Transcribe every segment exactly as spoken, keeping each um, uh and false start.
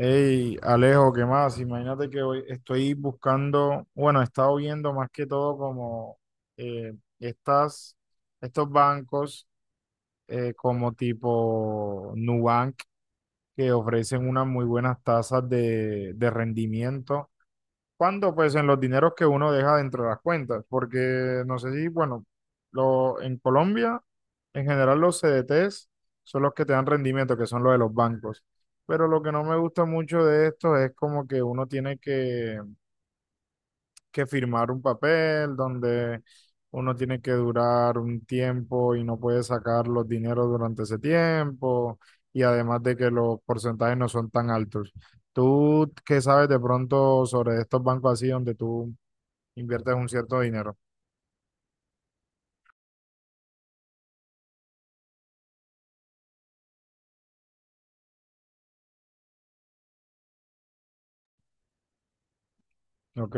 Hey, Alejo, ¿qué más? Imagínate que hoy estoy buscando, bueno, he estado viendo más que todo como eh, estas, estos bancos eh, como tipo Nubank que ofrecen unas muy buenas tasas de, de rendimiento. ¿Cuándo? Pues en los dineros que uno deja dentro de las cuentas, porque no sé si, bueno, lo, en Colombia, en general los C D Ts son los que te dan rendimiento, que son los de los bancos. Pero lo que no me gusta mucho de esto es como que uno tiene que, que firmar un papel donde uno tiene que durar un tiempo y no puede sacar los dineros durante ese tiempo, y además de que los porcentajes no son tan altos. ¿Tú qué sabes de pronto sobre estos bancos así donde tú inviertes un cierto dinero? ¿Ok?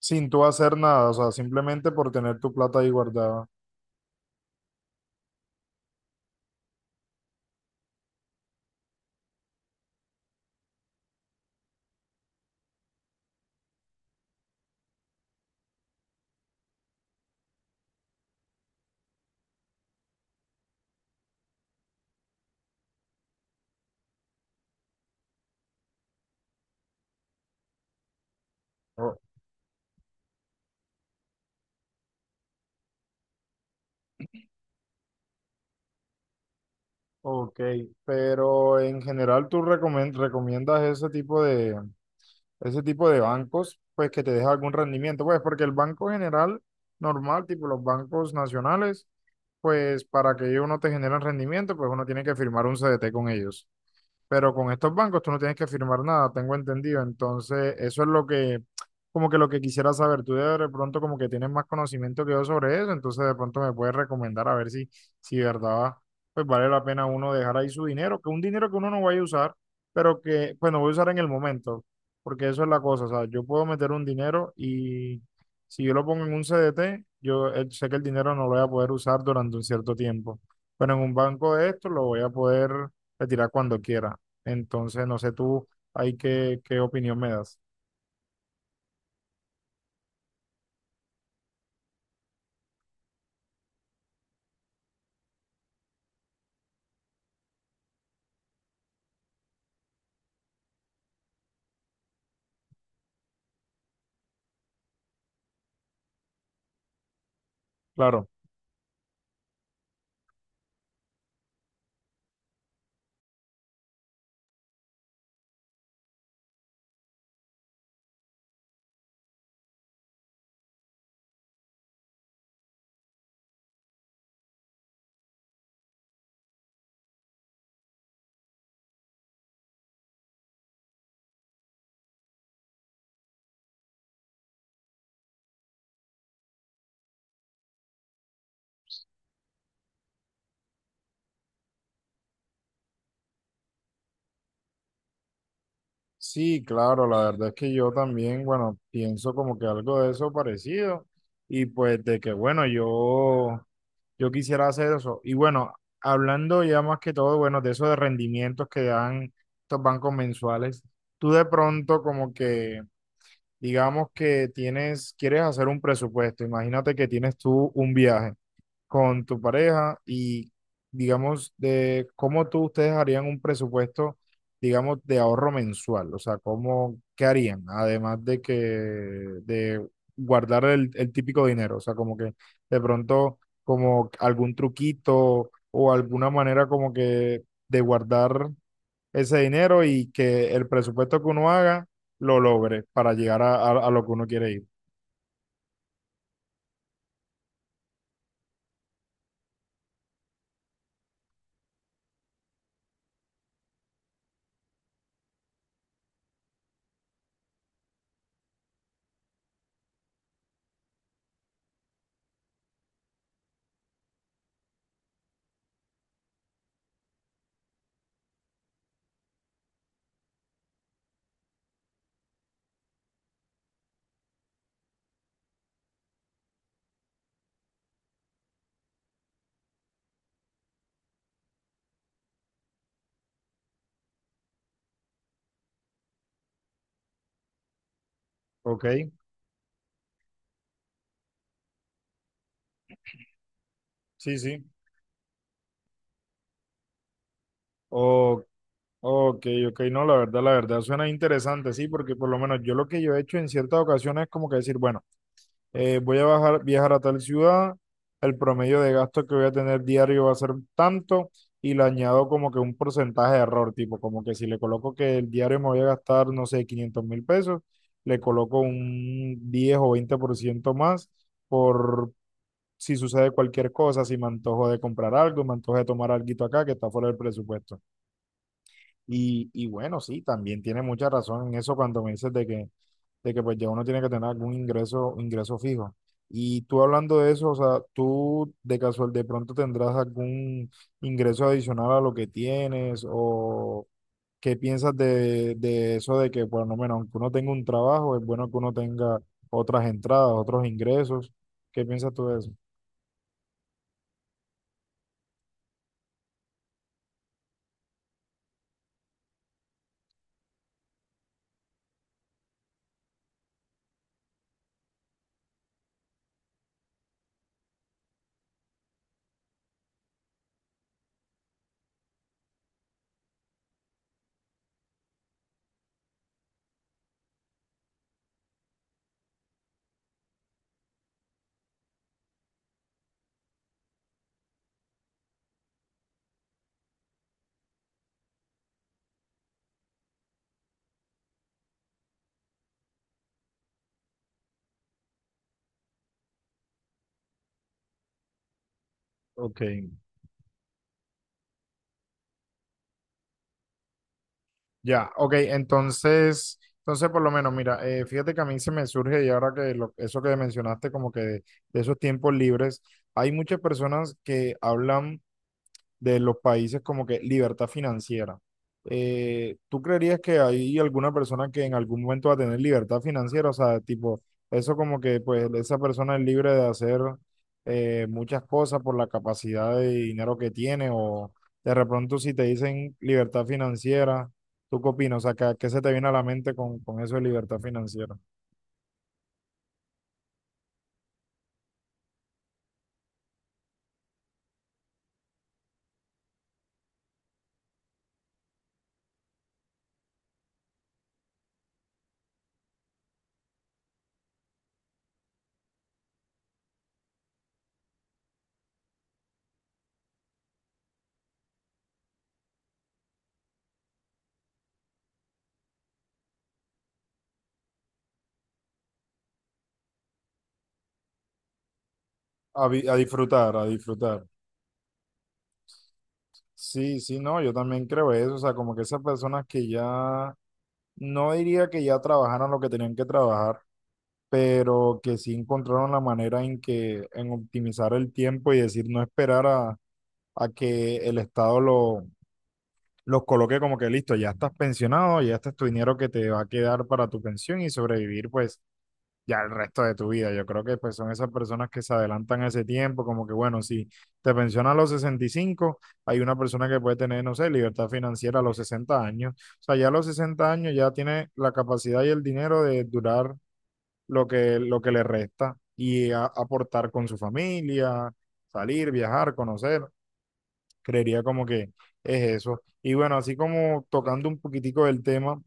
Sin tú hacer nada, o sea, simplemente por tener tu plata ahí guardada. O- ok, pero en general tú recomen- recomiendas ese tipo de, ese tipo de bancos, pues que te deja algún rendimiento, pues porque el banco general normal, tipo los bancos nacionales, pues para que ellos no te generen rendimiento, pues uno tiene que firmar un C D T con ellos. Pero con estos bancos tú no tienes que firmar nada, tengo entendido. Entonces, eso es lo que, como que lo que quisiera saber. Tú de pronto como que tienes más conocimiento que yo sobre eso, entonces de pronto me puedes recomendar a ver si, si de verdad, pues vale la pena uno dejar ahí su dinero, que un dinero que uno no vaya a usar, pero que, pues no voy a usar en el momento, porque eso es la cosa. O sea, yo puedo meter un dinero y si yo lo pongo en un C D T, yo eh, sé que el dinero no lo voy a poder usar durante un cierto tiempo. Pero en un banco de esto lo voy a poder retirar cuando quiera. Entonces, no sé tú, hay qué, qué opinión me das. Claro. Sí, claro, la verdad es que yo también, bueno, pienso como que algo de eso parecido y pues de que, bueno, yo, yo quisiera hacer eso. Y bueno, hablando ya más que todo, bueno, de eso de rendimientos que dan estos bancos mensuales, tú de pronto como que, digamos que tienes, quieres hacer un presupuesto, imagínate que tienes tú un viaje con tu pareja y, digamos, de cómo tú ustedes harían un presupuesto, digamos, de ahorro mensual, o sea, cómo, qué harían, además de que, de guardar el, el típico dinero, o sea, como que de pronto, como algún truquito o alguna manera como que de guardar ese dinero y que el presupuesto que uno haga lo logre para llegar a, a- a lo que uno quiere ir. ¿Ok? Sí, sí. Ok. Ok, ok, no, la verdad, la verdad suena interesante, sí, porque por lo menos yo lo que yo he hecho en ciertas ocasiones es como que decir, bueno, eh, voy a bajar, viajar a tal ciudad, el promedio de gasto que voy a tener diario va a ser tanto y le añado como que un porcentaje de error, tipo, como que si le coloco que el diario me voy a gastar, no sé, quinientos mil pesos, le coloco un diez o veinte por ciento más por si sucede cualquier cosa, si me antojo de comprar algo, me antojo de tomar algo acá que está fuera del presupuesto. Y, y bueno, sí, también tiene mucha razón en eso cuando me dices de que, de que pues ya uno tiene que tener algún ingreso, ingreso, fijo. Y tú hablando de eso, o sea, tú de casual de pronto tendrás algún ingreso adicional a lo que tienes o qué piensas de, de eso de que por lo menos aunque uno tenga un trabajo, es bueno que uno tenga otras entradas, otros ingresos. ¿Qué piensas tú de eso? Ok. Ya, ok, entonces, entonces por lo menos, mira, eh, fíjate que a mí se me surge y ahora que lo- eso que mencionaste como que de, de esos tiempos libres, hay muchas personas que hablan de los países como que libertad financiera. Eh, ¿tú creerías que hay alguna persona que en algún momento va a tener libertad financiera? O sea, tipo, eso como que pues esa persona es libre de hacer eh, muchas cosas por la capacidad de dinero que tiene o de repente si te dicen libertad financiera, ¿tú qué opinas? O sea, ¿qué, qué se te viene a la mente con, con eso de libertad financiera? A, vi- a disfrutar, a disfrutar. Sí, sí, no, yo también creo eso, o sea, como que esas personas que ya. No diría que ya trabajaron lo que tenían que trabajar, pero que sí encontraron la manera en que en optimizar el tiempo y decir no esperar a, a que el Estado lo, los coloque como que listo, ya estás pensionado, ya este es tu dinero que te va a quedar para tu pensión y sobrevivir pues ya el resto de tu vida. Yo creo que pues son esas personas que se adelantan a ese tiempo, como que bueno, si te pensionas a los sesenta y cinco hay una persona que puede tener, no sé, libertad financiera a los sesenta años. O sea, ya a los sesenta años ya tiene la capacidad y el dinero de durar lo que, lo que le resta y a- aportar con su familia, salir, viajar, conocer. Creería como que es eso. Y bueno, así como tocando un poquitico del tema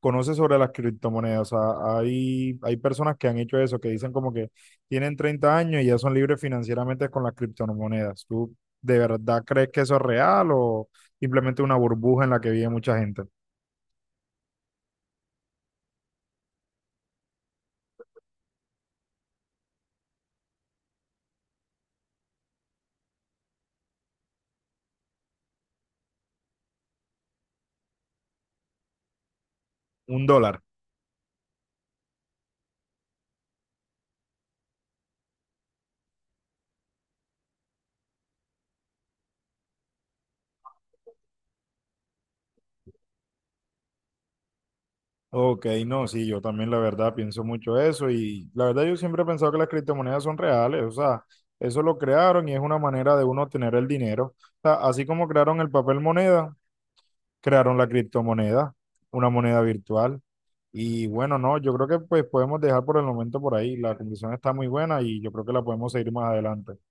conoce sobre las criptomonedas. O sea, hay, hay personas que han hecho eso, que dicen como que tienen treinta años y ya son libres financieramente con las criptomonedas. ¿Tú de verdad crees que eso es real o simplemente una burbuja en la que vive mucha gente? Un dólar. Ok, no, sí, yo también la verdad pienso mucho eso y la verdad yo siempre he pensado que las criptomonedas son reales, o sea, eso lo crearon y es una manera de uno obtener el dinero. O sea, así como crearon el papel moneda, crearon la criptomoneda, una moneda virtual. Y bueno, no, yo creo que pues podemos dejar por el momento por ahí. La condición está muy buena y yo creo que la podemos seguir más adelante.